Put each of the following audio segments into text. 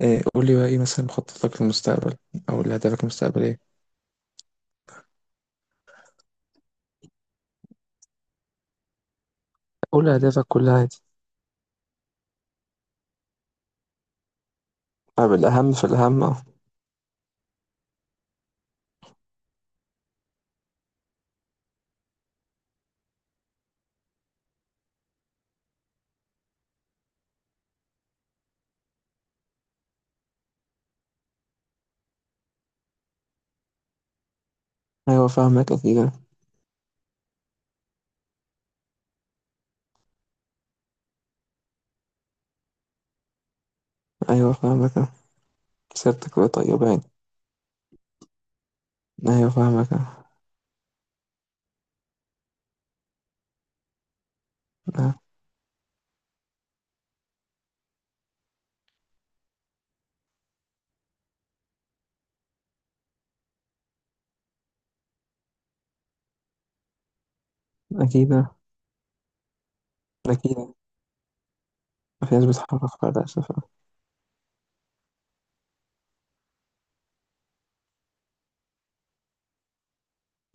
إيه قول لي بقى ايه مثلا مخططك للمستقبل او لأهدافك المستقبلية. قول لي أهدافك كلها عادي. طب الأهم في الأهم أهو. أيوة فاهمك أكيد أنا. أيوة فاهمك أنا. سيرتك بقى طيبة يعني. أيوة فاهمك أنا. أه. أكيد أنا. أكيد أنا. في ناس بتحقق بعد أسف آه.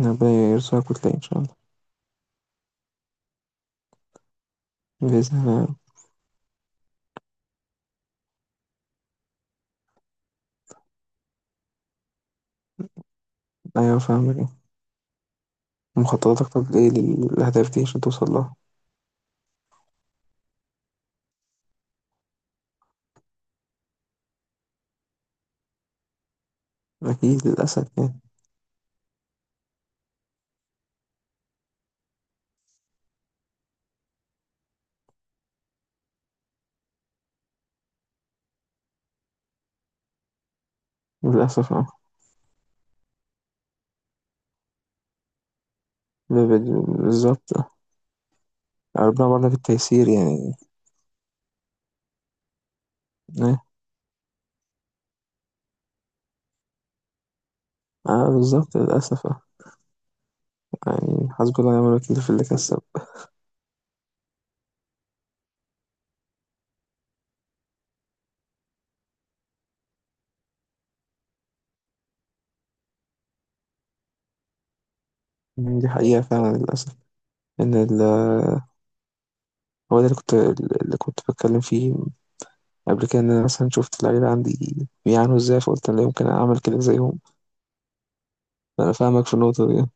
ربنا يرزقك وتلاقي إن شاء الله. بإذن الله. أيوة فاهمك أنا. مخططاتك طب إيه للأهداف دي عشان توصل لها. أكيد للأسف يعني. للأسف أه. بالظبط آه. ربنا برضه في التيسير يعني. أه. آه، بالظبط للأسف آه. يعني حسبي الله ونعم الوكيل في اللي كسب. يعني دي حقيقة فعلا للأسف. إن ال- هو ده اللي كنت اللي كنت بتكلم فيه قبل كده، إن أنا مثلا شفت اللعيبة عندي بيعانوا إزاي فقلت أنا لا يمكن أعمل كده زيهم. أنا فاهمك في النقطة دي.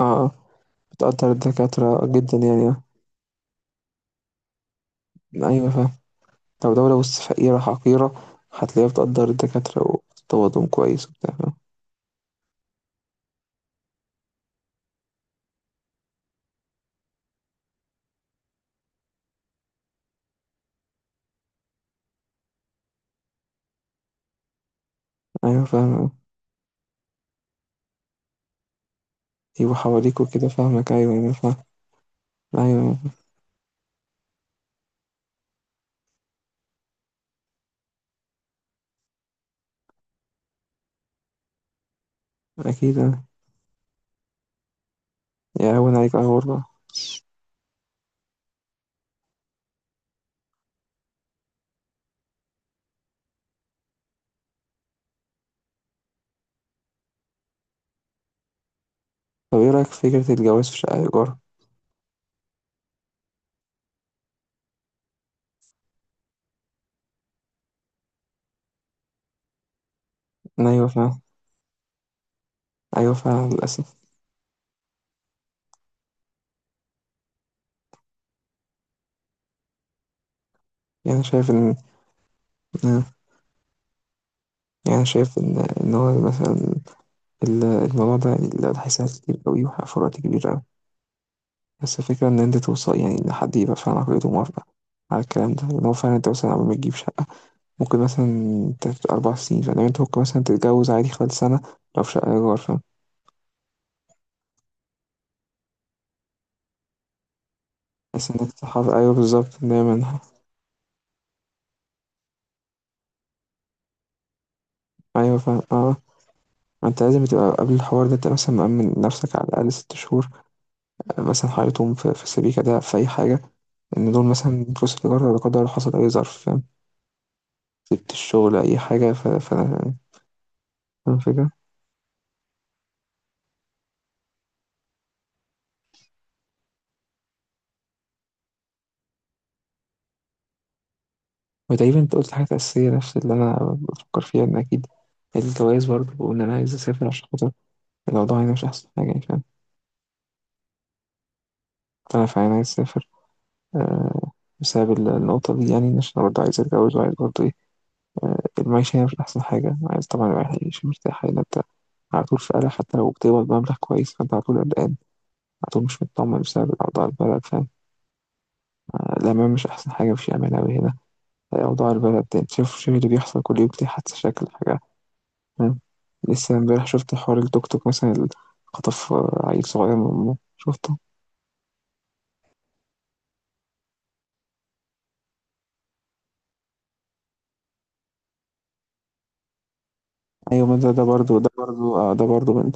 آه آه. بتقدر الدكاترة جدا يعني آه. أيوة فاهم. لو دولة وسط فقيرة حقيرة هتلاقيها بتقدر الدكاترة وبتطوضهم كويس وبتاع فاهم. أيوة فاهم. يبقوا حواليك وكده فاهمك، أيوة أيوة فاهم. أيوة أيوة. أكيد آه. يهون عليك أيوة والله. طب إيه رأيك في فكرة الجواز في شقة إيجار؟ أيوه فعلًا. أيوه فعلًا للأسف. يعني أنا شايف إن آه، يعني أنا شايف إن هو مثلًا الموضوع ده هيساعد كتير أوي وهيوفر في وقت كبير أوي، بس الفكرة إن أنت توصل، يعني إن حد يبقى فعلًا عقليته موافقة على الكلام ده، إن هو فعلًا أنت مثلًا قبل ما تجيب شقة ممكن مثلًا تاخد 4 سنين، فاهم، يعني أنت ممكن مثلًا تتجوز عادي خلال سنة لو في شقة إيجار، فاهم، بحيث إنك تحافظ، أيوه بالضبط دايمًا. أيوه فاهم، آه، ما أنت لازم تبقى قبل الحوار ده أنت مثلًا مأمِّن نفسك على الأقل 6 شهور مثلا حياتهم في السبيكة ده في أي حاجة، إن دول مثلا فلوس التجارة لا قدر الله حصل أي ظرف فاهم، سبت الشغل أي حاجة ف ف فاهم الفكرة. وتقريبا أنت قلت حاجة أساسية نفس اللي أنا بفكر فيها، إن أكيد الجواز برضه وإن أنا عايز أسافر عشان خاطر الأوضاع هنا مش أحسن حاجة يعني فاهم. فأنا فعلا عايز أسافر آه، بسبب النقطة دي يعني عشان أنا برضه عايز أتجوز وعايز برضه إيه آه، المعيشة هنا مش أحسن حاجة، عايز طبعا الواحد يعيش مرتاح. هنا أنت على طول في قلق حتى لو بتقبض مبلغ كويس فأنت على طول قلقان، عدو مش مطمن بسبب أوضاع البلد فاهم. الأمان مش أحسن حاجة، مفيش أمان أوي هنا. أوضاع البلد دي أنت شوف اللي بيحصل كل يوم، دي حادثة شكل حاجة فاهم. لسه امبارح شفت حوار التوك توك مثلا اللي خطف عيل صغير من أمه شفته. أيوة ما ده برضه ده برضه آه، ده برضه من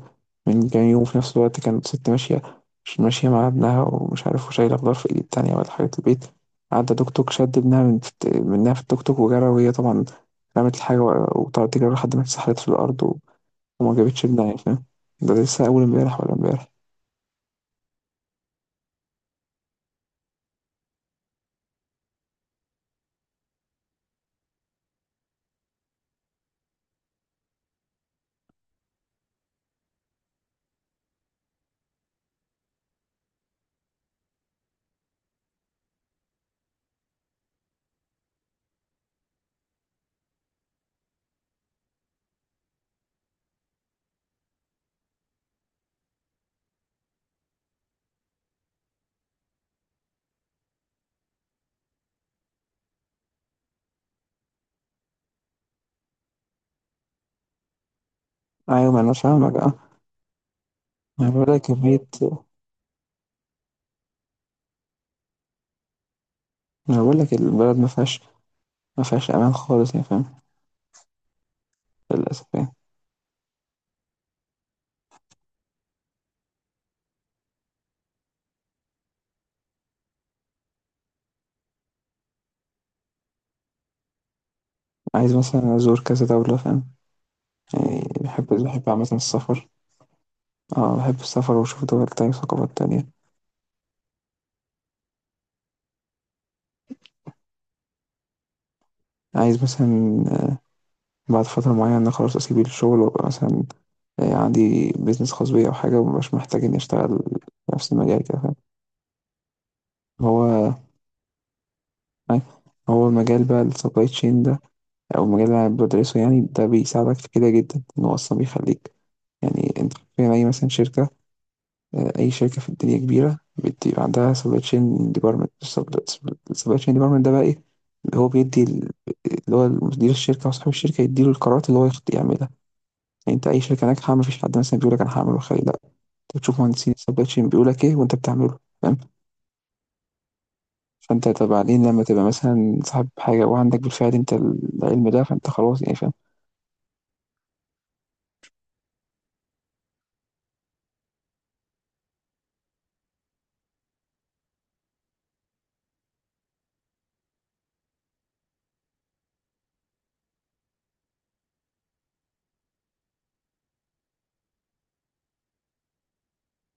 من كام يوم. في نفس الوقت كانت ست ماشية، مش ماشية مع ابنها ومش عارف وشايلة خضار في إيد التانية ولا حاجة البيت، عدى توك توك شد ابنها منها في التوك توك وجرى، وهي طبعا رمت الحاجة وطلعت تجري لحد ما اتسحلت في الأرض وما جابتش بنهاية فاهم. ده لسه أول امبارح ولا امبارح. أيوة ما أنا فاهمك أه. أنا بقول لك كمية. أنا بقول لك البلد ما فيهاش، ما فيهاش أمان خالص يعني فاهم. للأسف يعني. عايز مثلا أزور كذا دولة فاهم، يعني بحب بحب عامة السفر. أه، بحب السفر وأشوف دول تانية وثقافات تانية. عايز مثلا بعد فترة معينة خلاص أسيب الشغل وأبقى مثلا آه، عندي بيزنس خاص بيا أو حاجة ومبقاش محتاج إني أشتغل في نفس المجال كده فاهم. هو هو المجال بقى السبلاي تشين ده او المجال اللي أنا بدرسه، يعني ده بيساعدك في كده جدا، ان هو اصلا بيخليك يعني انت فاهم اي مثلا شركه آه، اي شركه في الدنيا كبيره بتبقى عندها سبلاي تشين ديبارتمنت. السبلاي تشين ديبارتمنت ده بقى ايه؟ اللي هو بيدي ال- اللي هو مدير الشركه او صاحب الشركه يديله القرارات اللي هو يعملها. يعني انت اي شركه ناجحه ما فيش حد مثلا بيقول لك انا هعمل وخلي لا، انت بتشوف مهندسين السبلاي تشين بيقول لك ايه وانت بتعمله فاهم. فانت طب بعدين لما تبقى مثلا صاحب حاجه وعندك بالفعل انت العلم ده فانت خلاص يعني فاهم.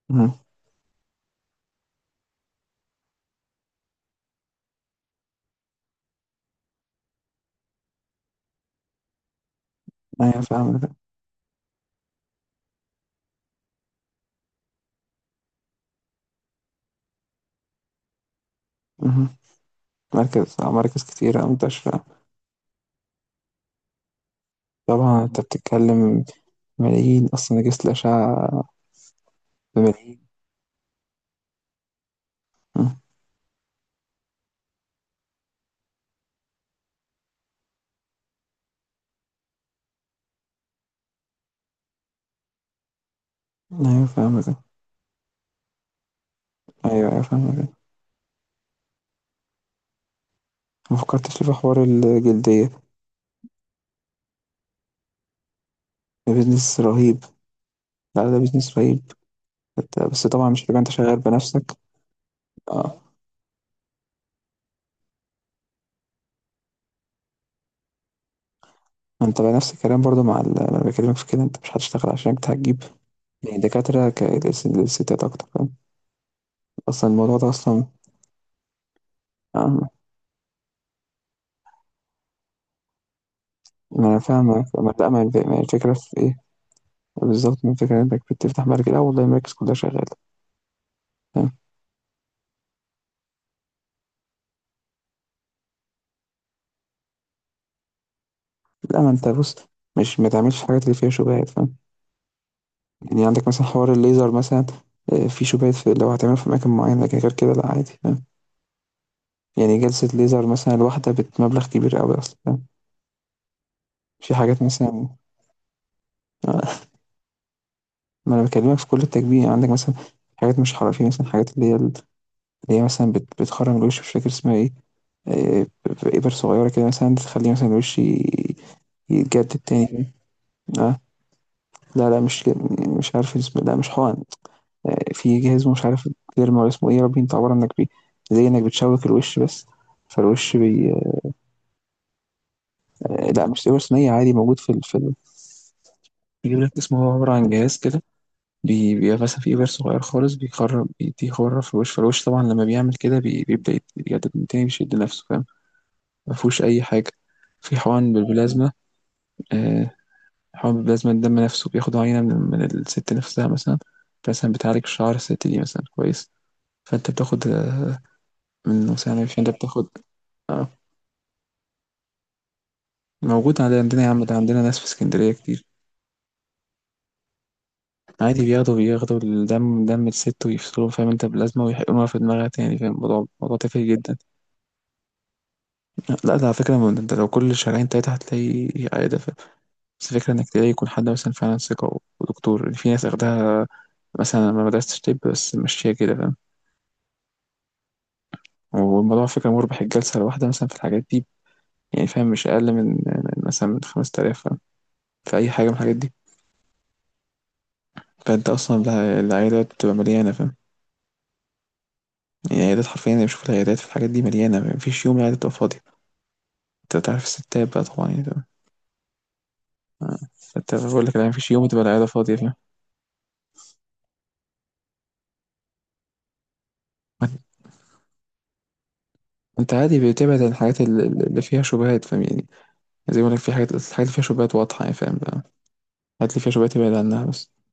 مهم. ايوه فاهم. مراكز آه، مراكز كتيرة أوي منتشرة. طبعًا أنت بتتكلم ملايين أصلًا، أجهزة الأشعة بملايين. إمم، أيوه فاهمك آه، أيوه، أيوه فاهمك. ما فكرتش في حوار الجلدية؟ ده business رهيب. لأ، ده business رهيب. أنت بس طبعًا مش هتبقى أنت شغال بنفسك آه. ما أنت بقى نفس الكلام برضه مع أنا باكلمك في كده، أنت مش هتشتغل عشان أنت هتجيب يعني دكاترة ك للس للستات أكتر فاهم. أصلًا الموضوع ده أصلًا آه، ما أنا فاهمك ما، لأ، ما الفكرة في إيه؟ بالظبط من فكرة انك بتفتح بعد كده، اه والله المراكز كلها شغالة فاهم. لا ما انت بص، مش ما تعملش الحاجات اللي فيها شبهات فاهم يعني. عندك مثلا حوار الليزر مثلا آه، في شبهات، في لو هتعمله في مكان معين، لكن غير كده لا عادي فاهم. يعني جلسة ليزر مثلا الواحدة بمبلغ كبير قوي اصلا فاهم. في حاجات مثلا آه، ما انا بكلمك في كل التجميل. يعني عندك مثلا حاجات مش حرفية مثلا، حاجات اللي هي اللي هي مثلا بتخرم الوش، مش فاكر اسمها ايه آه، بإبر صغيرة كده مثلا تخليه مثلا الوش يتجدد تاني فاهم؟ آه، لا لأ مش عارف اسمه، لأ مش حقن، في جهاز مش عارف الderma والّا اسمه إيه يا ربي، أنت عبارة إنك بي، زي إنك بتشوك الوش بس، فالوش بي، آه، لأ مش صيغة صينية، عادي موجود في ال في ال بيجيب لك اسمه، هو عبارة عن جهاز كده بي، بيبقى مثلًا في إبر صغير خالص بيخرّم بيديه خرّة في الوش، فالوش طبعًا لمّا بيعمل كده بي بيبدأ يجدد من تاني، بيشد نَفْسه فاهم، ما فيهوش أي حاجة. في حقن بالبلازما، آآ حقن بالبلازما، الدم نَفْسه بياخدوا عينة من الست نَفْسها مثلًا، مثلًا بتعالج شعر الست دي مثلًا كويس. فانت بتاخد آه، من مثلا عشان انت بتاخد اه. موجود عندنا يا عم، ده عندنا ناس في اسكندرية كتير. عادي بياخدوا الدم، دم الست ويفصلوه فاهم، انت بلازمة ويحقنوها في دماغها تاني فاهم، الموضوع موضوع تافه جدا. لا ده على فكرة، ما انت لو كل شهرين تلاتة هتلاقي عيادة ف-، بس الفكرة انك تلاقي يكون حد مثلا فعلا ثقة ودكتور، يعني في ناس اخدها مثلا ما درستش طب بس ماشية كده فاهم. والموضوع على فكرة مربح، الجلسة الواحدة مثلا في الحاجات دي يعني فاهم مش أقل من مثلا من 5000 فاهم، في أي حاجة من الحاجات دي. فانت اصلا العيادات بتبقى مليانه فاهم. يعني العيادات حرفيا انا بشوف العيادات في الحاجات دي مليانه، مفيش يوم العياده تبقى فاضيه. انت تعرف الستات بقى طبعا يعني ده- آه. انت بقول لك يعني مفيش يوم تبقى العياده فاضيه فاهم. انت عادي بتبعد عن الحاجات اللي فيها شبهات فاهم يعني. زي ما بقول لك في حاجات، الحاجات اللي فيها شبهات واضحه يعني فاهم بقى، الحاجات اللي فيها شبهات تبعد عنها بس.